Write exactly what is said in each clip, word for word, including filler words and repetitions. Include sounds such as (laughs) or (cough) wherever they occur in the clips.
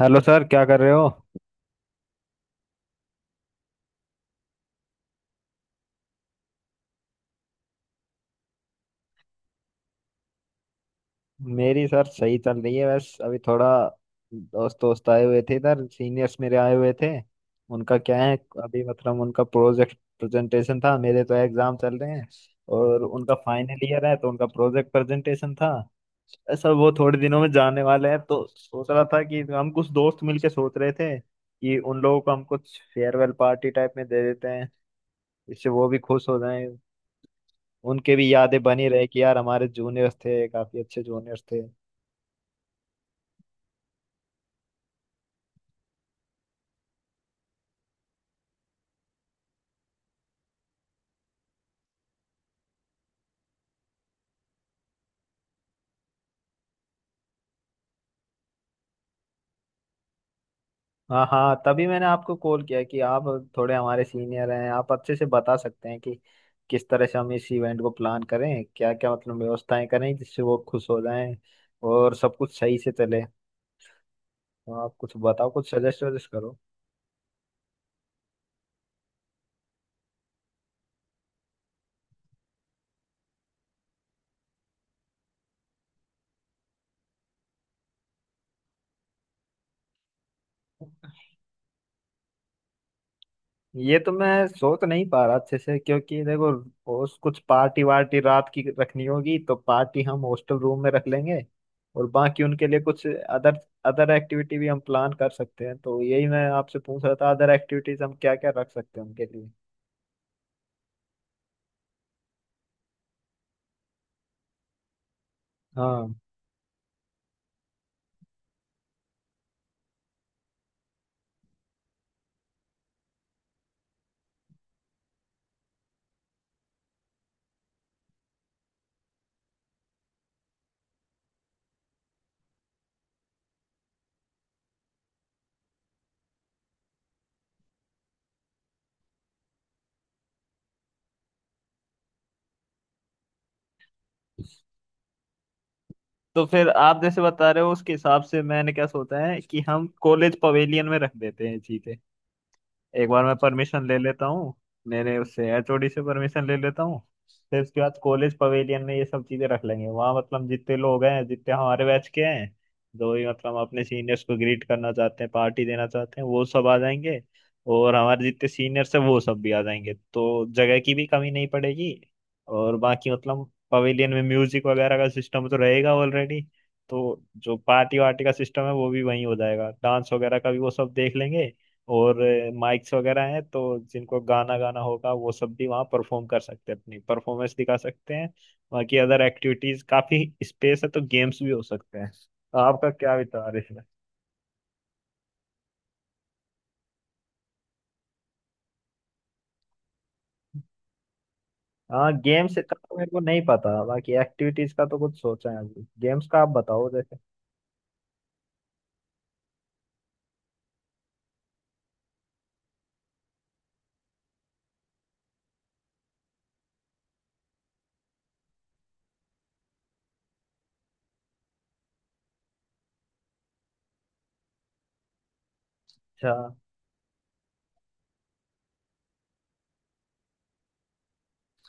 Hello sir, क्या कर रहे हो। मेरी सर सही चल रही है। बस अभी थोड़ा दोस्त दोस्त आए हुए थे इधर, सीनियर्स मेरे आए हुए थे। उनका क्या है, अभी मतलब उनका प्रोजेक्ट प्रेजेंटेशन था। मेरे तो एग्जाम चल रहे हैं और उनका फाइनल ईयर है, तो उनका प्रोजेक्ट प्रेजेंटेशन था। सर वो थोड़े दिनों में जाने वाले हैं, तो सोच रहा था कि हम कुछ दोस्त मिलके सोच रहे थे कि उन लोगों को हम कुछ फेयरवेल पार्टी टाइप में दे देते हैं। इससे वो भी खुश हो जाएं, उनके भी यादें बनी रहे कि यार हमारे जूनियर्स थे, काफी अच्छे जूनियर्स थे। हाँ हाँ, तभी मैंने आपको कॉल किया कि आप थोड़े हमारे सीनियर हैं, आप अच्छे से बता सकते हैं कि किस तरह से हम इस इवेंट को प्लान करें, क्या क्या मतलब व्यवस्थाएं करें जिससे वो खुश हो जाएं और सब कुछ सही से चले। तो आप कुछ बताओ, कुछ सजेस्ट वजेस्ट करो। ये तो मैं सोच नहीं पा रहा अच्छे से, क्योंकि देखो उस कुछ पार्टी वार्टी रात की रखनी होगी तो पार्टी हम हॉस्टल रूम में रख लेंगे, और बाकी उनके लिए कुछ अदर अदर एक्टिविटी भी हम प्लान कर सकते हैं। तो यही मैं आपसे पूछ रहा था, अदर एक्टिविटीज हम क्या क्या रख सकते हैं उनके लिए। हाँ। तो फिर आप जैसे बता रहे हो उसके हिसाब से मैंने क्या सोचा है कि हम कॉलेज पवेलियन में रख देते हैं चीजें। एक बार मैं परमिशन ले लेता हूँ, मेरे उससे एच ओ डी से परमिशन ले लेता हूँ। फिर उसके बाद कॉलेज पवेलियन में ये सब चीजें रख लेंगे। वहाँ मतलब जितने लोग हैं, जितने हमारे बैच के हैं, जो भी मतलब अपने सीनियर्स को ग्रीट करना चाहते हैं, पार्टी देना चाहते हैं, वो सब आ जाएंगे। और हमारे जितने सीनियर्स हैं वो सब भी आ जाएंगे, तो जगह की भी कमी नहीं पड़ेगी। और बाकी मतलब पवेलियन में म्यूजिक वगैरह का सिस्टम तो रहेगा ऑलरेडी, तो जो पार्टी वार्टी का सिस्टम है वो भी वहीं हो जाएगा, डांस वगैरह का भी वो सब देख लेंगे। और माइक्स वगैरह हैं, तो जिनको गाना गाना होगा वो सब भी वहाँ परफॉर्म कर सकते हैं, अपनी परफॉर्मेंस दिखा सकते हैं। बाकी अदर एक्टिविटीज काफी स्पेस है, तो गेम्स भी हो सकते हैं। तो आपका क्या विचार है इसमें। हाँ गेम्स का तो मेरे को नहीं पता, बाकी एक्टिविटीज का तो कुछ सोचा है। अभी गेम्स का आप बताओ जैसे। अच्छा।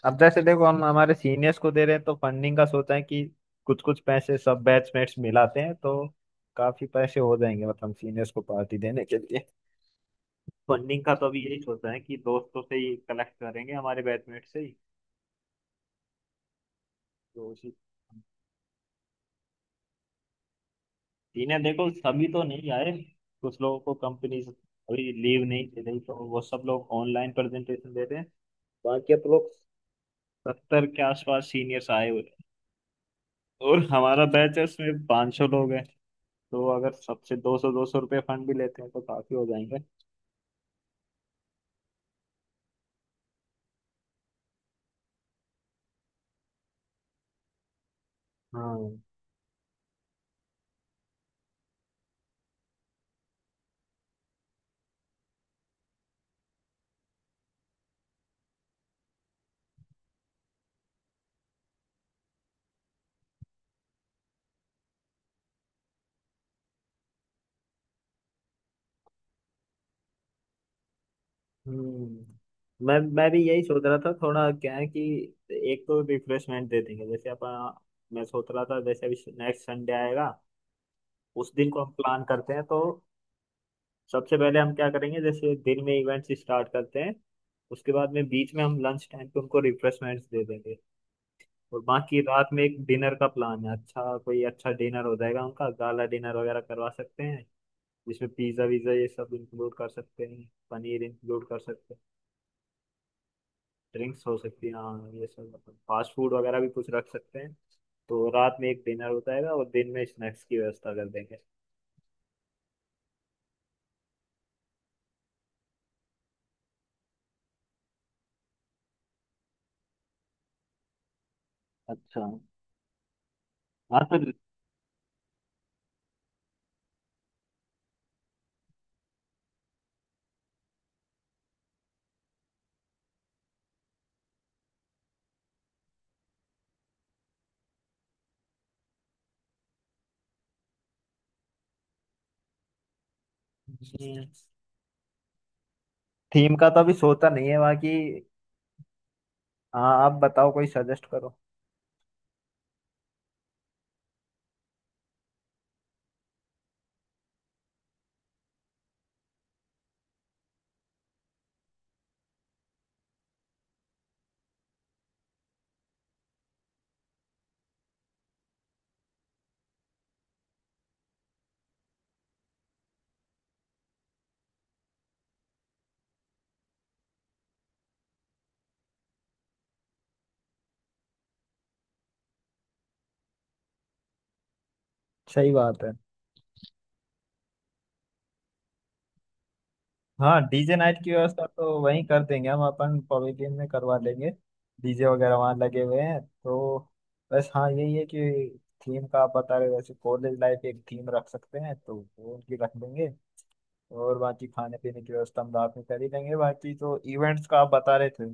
अब जैसे देखो हम हमारे सीनियर्स को दे रहे हैं, तो फंडिंग का सोचा है कि कुछ कुछ पैसे सब बैचमेट्स मिलाते हैं तो काफी पैसे हो जाएंगे, मतलब सीनियर्स को पार्टी देने के लिए। फंडिंग का तो अभी यही सोचा है कि दोस्तों से ही कलेक्ट करेंगे, हमारे बैचमेट से ही। तो उसी। इन्हें देखो सभी तो नहीं आए, कुछ लोगों को कंपनीज अभी लीव नहीं दे रही, तो वो सब लोग ऑनलाइन प्रेजेंटेशन दे रहे हैं। बाकी आप लोग, सत्तर के आसपास सीनियर्स आए हुए हैं। और हमारा बैच है उसमें पाँच सौ लोग हैं। तो अगर सबसे दो सौ दो सौ रुपये फंड भी लेते हैं तो काफी हो जाएंगे। हाँ। हम्म, मैं मैं भी यही सोच रहा था। थोड़ा क्या है कि एक तो रिफ्रेशमेंट दे देंगे जैसे अपन। मैं सोच रहा था जैसे अभी नेक्स्ट संडे आएगा, उस दिन को हम प्लान करते हैं। तो सबसे पहले हम क्या करेंगे, जैसे दिन में इवेंट्स स्टार्ट करते हैं, उसके बाद में बीच में हम लंच टाइम पे उनको रिफ्रेशमेंट्स दे देंगे। और बाकी रात में एक डिनर का प्लान है, अच्छा कोई अच्छा डिनर हो जाएगा उनका, गाला डिनर वगैरह करवा सकते हैं। जिसमें पिज्ज़ा विज़ा ये सब इंक्लूड कर सकते हैं, पनीर इंक्लूड कर सकते हैं। ड्रिंक्स हो सकती है, हाँ ये सब अपन फास्ट फूड वगैरह भी कुछ रख सकते हैं। तो रात में एक डिनर हो जाएगा और दिन में स्नैक्स की व्यवस्था कर देंगे। अच्छा। हाँ। तो थीम का तो अभी सोचा नहीं है बाकी। हाँ, आप बताओ, कोई सजेस्ट करो। सही बात है। हाँ, डीजे नाइट की व्यवस्था तो वहीं कर देंगे, हम अपन पवेलियन में करवा लेंगे, डीजे वगैरह वहाँ लगे हुए हैं तो। बस हाँ, यही है कि थीम का आप बता रहे हो, वैसे कॉलेज लाइफ एक थीम रख सकते हैं, तो वो उनकी रख देंगे। और बाकी खाने पीने की व्यवस्था हम रात में कर ही देंगे, बाकी तो इवेंट्स का आप बता रहे थे।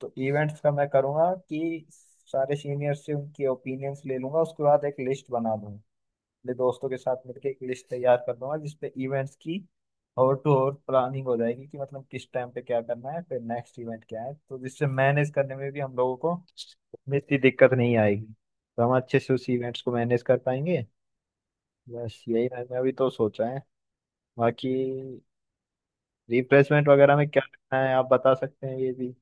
तो इवेंट्स का मैं करूँगा कि सारे सीनियर से उनके ओपिनियंस ले लूंगा, उसके बाद एक लिस्ट बना दूंगा, अपने दोस्तों के साथ मिलकर एक लिस्ट तैयार कर दूंगा जिसपे इवेंट्स की और टू और प्लानिंग हो जाएगी कि मतलब किस टाइम पे क्या करना है, फिर नेक्स्ट इवेंट क्या है, तो जिससे मैनेज करने में भी हम लोगों को में इतनी दिक्कत नहीं आएगी। तो हम अच्छे से उस इवेंट्स को मैनेज कर पाएंगे। बस यही मैंने अभी तो सोचा है। बाकी रिफ्रेशमेंट वगैरह में क्या रखना है आप बता सकते हैं ये भी।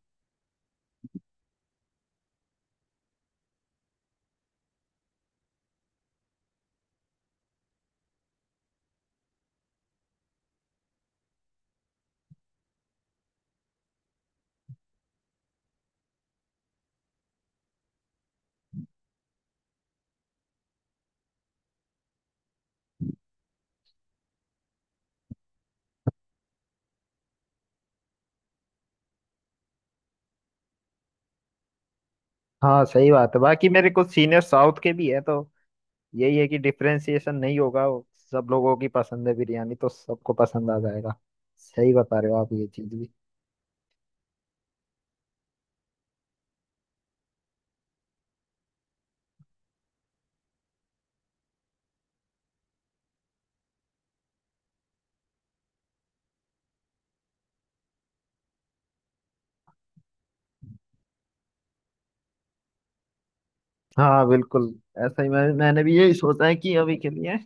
हाँ सही बात है, बाकी मेरे कुछ सीनियर साउथ के भी है, तो यही है कि डिफरेंशिएशन नहीं होगा वो, सब लोगों की पसंद है बिरयानी, तो सबको पसंद आ जाएगा। सही बता रहे हो आप ये चीज भी। हाँ बिल्कुल। ऐसा ही मैं, मैंने भी यही सोचा है कि अभी के लिए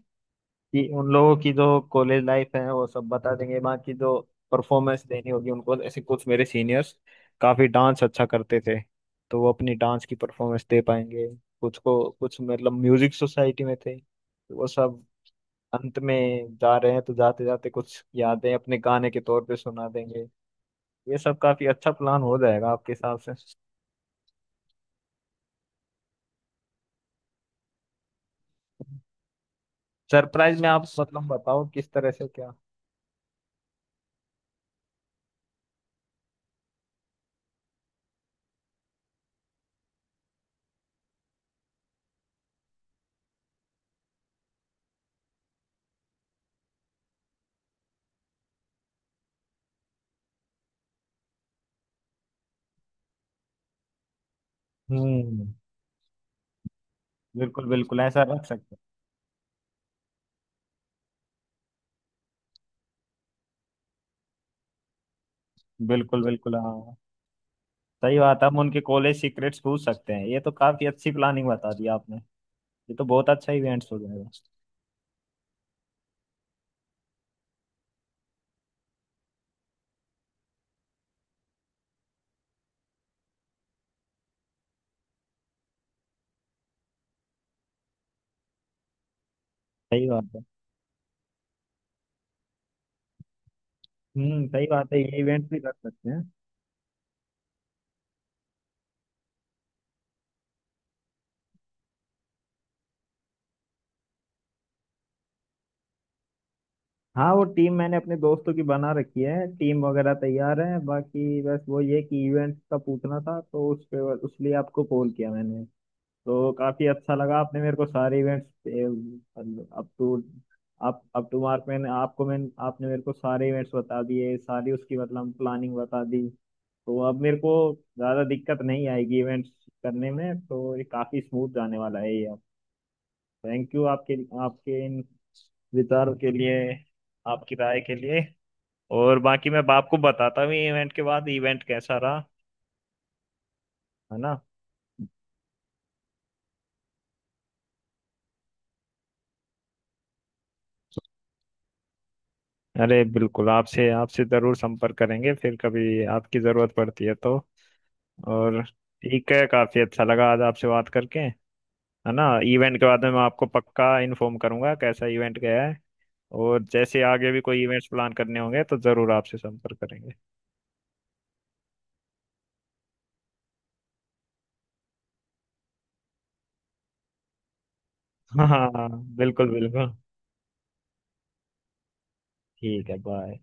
कि उन लोगों की जो कॉलेज लाइफ है वो सब बता देंगे। बाकी जो परफॉर्मेंस देनी होगी उनको ऐसे, कुछ मेरे सीनियर्स काफी डांस अच्छा करते थे, तो वो अपनी डांस की परफॉर्मेंस दे पाएंगे। कुछ को कुछ मतलब म्यूजिक सोसाइटी में थे, तो वो सब अंत में जा रहे हैं, तो जाते जाते कुछ यादें अपने गाने के तौर पे सुना देंगे। ये सब काफी अच्छा प्लान हो जाएगा आपके हिसाब से। सरप्राइज में आप मतलब बताओ किस तरह से क्या। हम्म। बिल्कुल बिल्कुल, ऐसा रख सकते हैं। बिल्कुल बिल्कुल, हाँ। सही बात है, हम उनके कॉलेज सीक्रेट्स पूछ सकते हैं, ये तो काफी अच्छी प्लानिंग बता दी आपने। ये तो बहुत अच्छा इवेंट हो जाएगा। सही बात है। हम्म सही बात है, ये इवेंट भी कर सकते हैं। हाँ वो टीम मैंने अपने दोस्तों की बना रखी है, टीम वगैरह तैयार है, बाकी बस वो ये कि इवेंट का पूछना था, तो उस पे उसके लिए आपको कॉल किया मैंने। तो काफी अच्छा लगा, आपने मेरे को सारे इवेंट्स अप टू, आप अप टू मार्क, मैंने आपको मैंने आपने मेरे को सारे इवेंट्स बता दिए, सारी उसकी मतलब प्लानिंग बता दी। तो अब मेरे को ज्यादा दिक्कत नहीं आएगी इवेंट्स करने में, तो ये काफी स्मूथ जाने वाला है ये अब। थैंक यू आपके आपके इन विचारों के लिए, आपकी राय के लिए। और बाकी मैं बाप को बताता हूँ इवेंट के बाद इवेंट कैसा रहा, है ना। अरे बिल्कुल, आपसे आपसे ज़रूर संपर्क करेंगे फिर कभी आपकी ज़रूरत पड़ती है तो। और ठीक है, काफ़ी अच्छा लगा आज आपसे बात करके, है ना। इवेंट के बारे में मैं आपको पक्का इन्फॉर्म करूंगा कैसा इवेंट गया है। और जैसे आगे भी कोई इवेंट्स प्लान करने होंगे तो ज़रूर आपसे संपर्क करेंगे। (laughs) हाँ हाँ, बिल्कुल बिल्कुल, ठीक है, बाय।